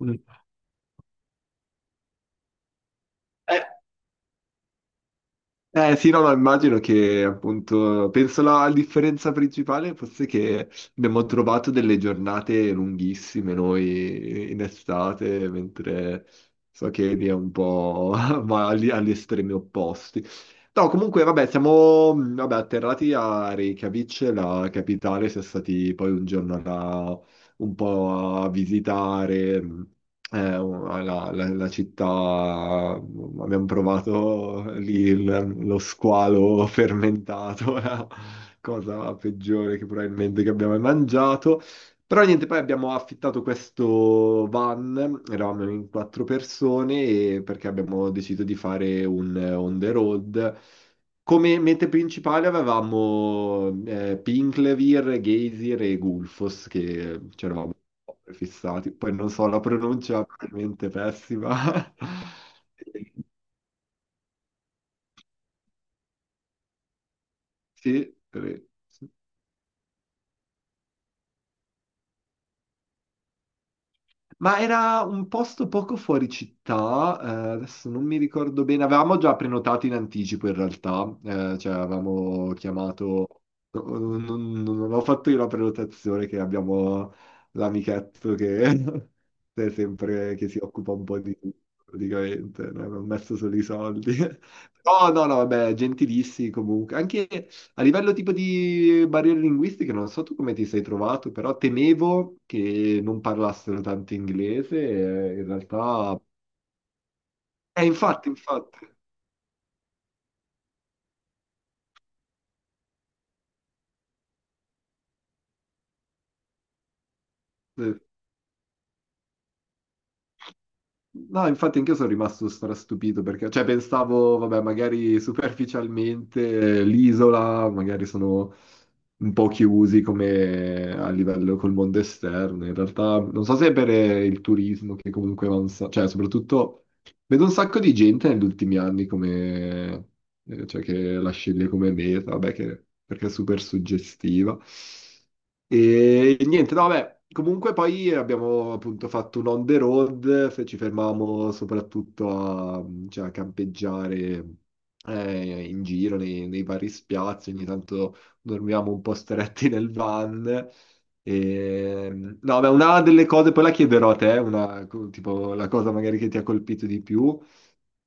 Mm. Eh, eh, sì, no, no, immagino che appunto, penso la differenza principale fosse che abbiamo trovato delle giornate lunghissime noi in estate, mentre so che lì è un po' ma agli estremi opposti. No, comunque, vabbè, siamo vabbè, atterrati a Reykjavik, la capitale, siamo stati poi un giorno là un po' a visitare. La città, abbiamo provato lì lo squalo fermentato, la cosa peggiore che probabilmente che abbiamo mai mangiato. Però niente, poi abbiamo affittato questo van, eravamo in quattro persone, perché abbiamo deciso di fare un on the road. Come mete principali avevamo Pinklevir, Geysir e Gulfos, che c'eravamo fissati. Poi non so, la pronuncia è probabilmente pessima. Sì, sì. Ma era un posto poco fuori città, adesso non mi ricordo bene, avevamo già prenotato in anticipo in realtà, cioè avevamo chiamato, no, non ho fatto io la prenotazione, che abbiamo l'amichetto che è sempre, che si occupa un po' di tutto praticamente, no? Non ho messo solo i soldi. Oh no, no, vabbè, gentilissimi comunque, anche a livello tipo di barriere linguistiche, non so tu come ti sei trovato, però temevo che non parlassero tanto inglese, in realtà... infatti, infatti. No, infatti anch'io sono rimasto strastupito perché, cioè, pensavo, vabbè, magari superficialmente l'isola, magari sono un po' chiusi come a livello col mondo esterno. In realtà, non so se per il turismo che comunque avanza, cioè, soprattutto vedo un sacco di gente negli ultimi anni come, cioè, che la sceglie come meta, vabbè, perché è super suggestiva. E niente, no, vabbè, comunque poi abbiamo appunto fatto un on the road, ci fermavamo soprattutto a, cioè, a campeggiare in giro nei vari spiazzi, ogni tanto dormivamo un po' stretti nel van. E, no, beh, una delle cose, poi la chiederò a te, una, tipo la cosa magari che ti ha colpito di più.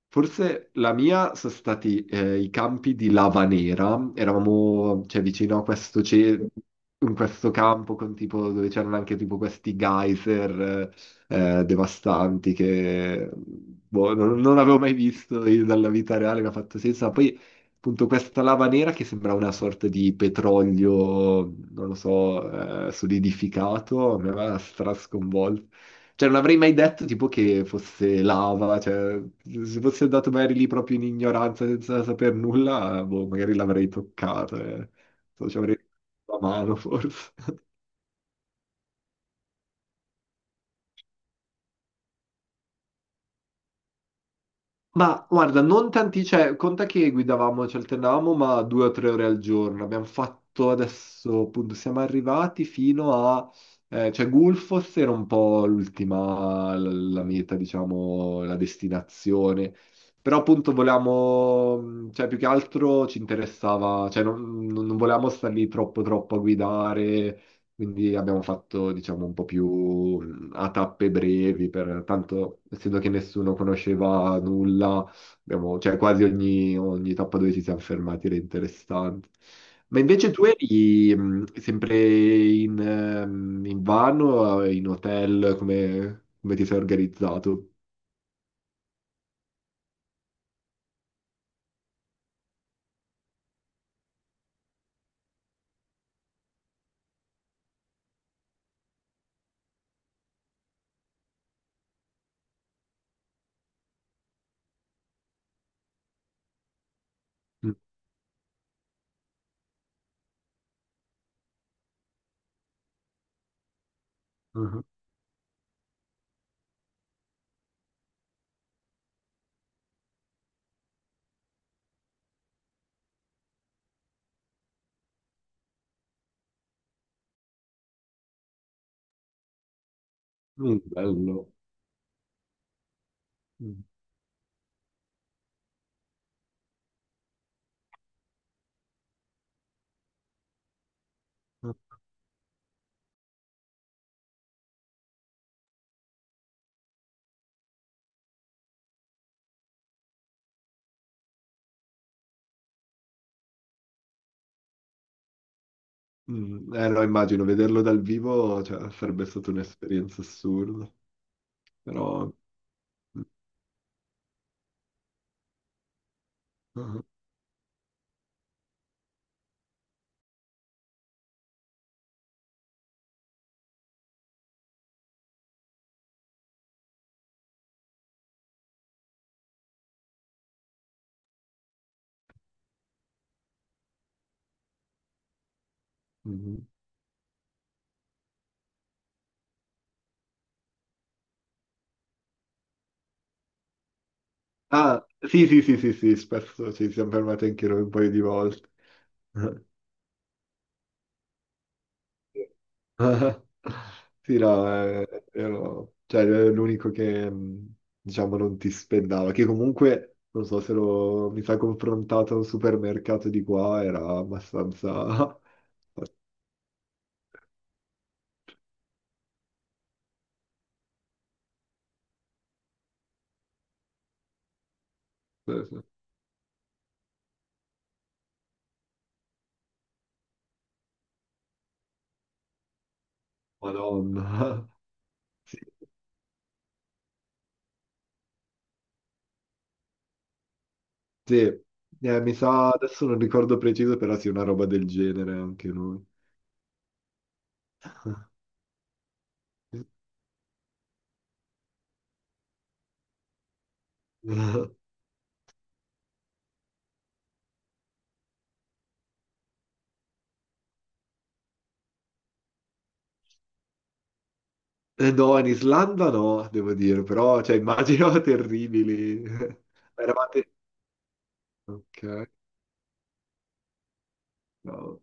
Forse la mia sono stati i campi di Lavanera, eravamo, cioè, vicino a questo cielo in questo campo con tipo, dove c'erano anche tipo questi geyser devastanti che boh, non avevo mai visto io dalla vita reale, mi ha fatto senso. Ma poi appunto questa lava nera che sembra una sorta di petrolio, non lo so, solidificato, mi aveva strasconvolto. Cioè, non avrei mai detto tipo che fosse lava, cioè, se fossi andato magari lì proprio in ignoranza senza saper nulla, boh, magari l'avrei toccato. Non so, ci avrei la mano forse. Ma guarda, non tanti, cioè, conta che guidavamo, ci alternavamo, ma 2 o 3 ore al giorno. Abbiamo fatto adesso, appunto, siamo arrivati fino a, cioè, Gulfos era un po' l'ultima, la meta, diciamo, la destinazione. Però appunto volevamo, cioè, più che altro ci interessava, cioè, non volevamo star lì troppo, troppo a guidare. Quindi abbiamo fatto, diciamo, un po' più a tappe brevi, per, tanto essendo che nessuno conosceva nulla, abbiamo, cioè, quasi ogni, tappa dove ci siamo fermati era interessante. Ma invece tu eri sempre in van o in hotel, come ti sei organizzato? Mm, mhm. Mm, bello. Mm, mm. Eh no, immagino, vederlo dal vivo, cioè, sarebbe stata un'esperienza assurda, però... Mhm. Ah, sì, sì, sì, sì, sì, spesso ci siamo fermati anche noi un paio di volte. Sì, no, ero, cioè, ero l'unico che, diciamo, non ti spendava, che comunque, non so se lo, mi sa confrontato a un supermercato di qua, era abbastanza... Madonna. Sì, sì. Mi sa, adesso non ricordo preciso, però sì, una roba del genere anche noi. No, in Islanda no, devo dire, però, cioè, immagino terribili. Eravate... Ok, no.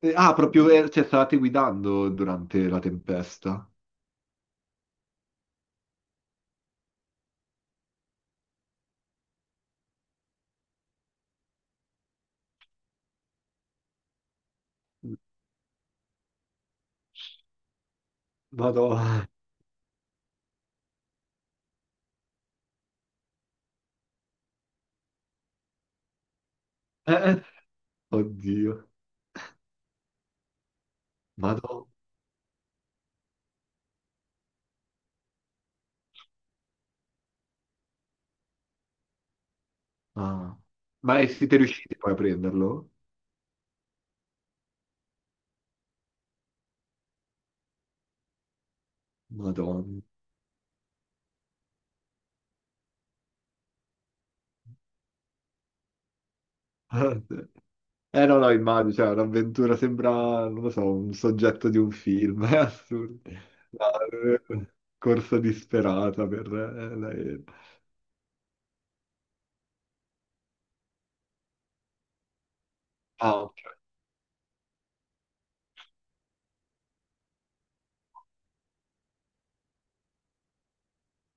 Ah, proprio, cioè, stavate guidando durante la tempesta. Madonna. Eh, oddio. Madonna. Ah. Ma siete riusciti poi a prenderlo? Madonna. Eh no, no, immagino, cioè, un'avventura sembra, non lo so, un soggetto di un film, è assurdo. No, corsa disperata per l'aereo.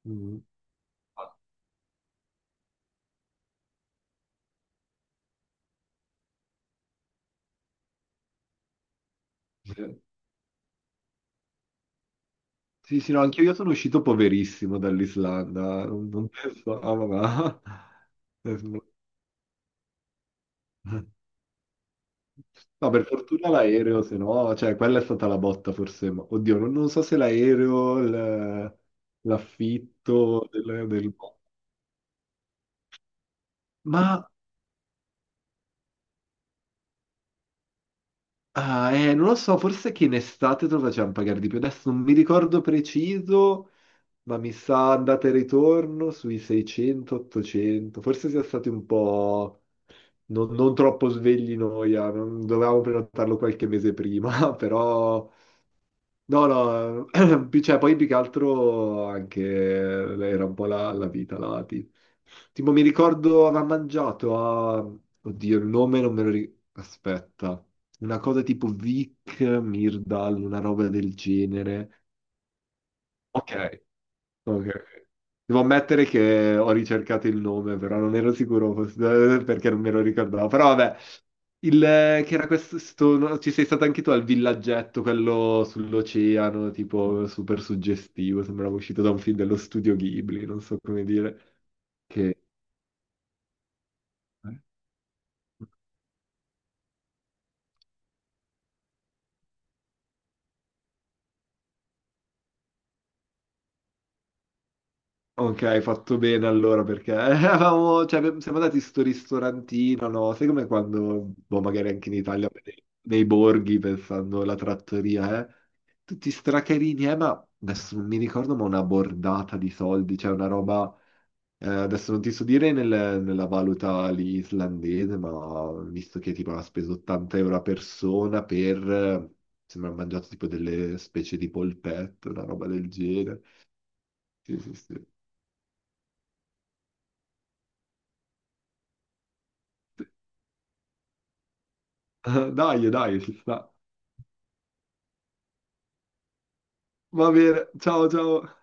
Mm. Eh, sì, sì, no, anche io sono uscito poverissimo dall'Islanda, non pensavo, ma... No, no, per fortuna l'aereo, se no, cioè, quella è stata la botta forse, ma oddio, non so se l'aereo, l'affitto del... Ma, ah, non lo so, forse che in estate te lo facevano pagare di più, adesso non mi ricordo preciso, ma mi sa andata e ritorno sui 600-800, forse sia stati un po'... non troppo svegli noia, dovevamo prenotarlo qualche mese prima, però no, no, cioè, poi più che altro anche era un po' la vita, Tipo mi ricordo aveva mangiato a... Oddio, il nome non me lo ricordo. Aspetta. Una cosa tipo Vic Mirdal, una roba del genere. Ok, ok. Devo ammettere che ho ricercato il nome, però non ero sicuro perché non me lo ricordavo. Però vabbè, il, che era questo, no, ci sei stato anche tu al villaggetto, quello sull'oceano, tipo super suggestivo, sembrava uscito da un film dello studio Ghibli, non so come dire. Che... eh. Ok, hai fatto bene allora perché eravamo, cioè, siamo andati in sto ristorantino, no? Sai come quando, boh, magari anche in Italia, nei borghi, pensando alla trattoria, eh? Tutti stracarini, ma adesso non mi ricordo, ma una bordata di soldi, cioè una roba... adesso non ti so dire nella valuta lì islandese, ma visto che tipo ha speso 80 euro a persona per, sembra ha mangiato tipo delle specie di polpette, una roba del genere. Sì, sì, sì. Dai, dai, ci sta. Va bene, ciao, ciao.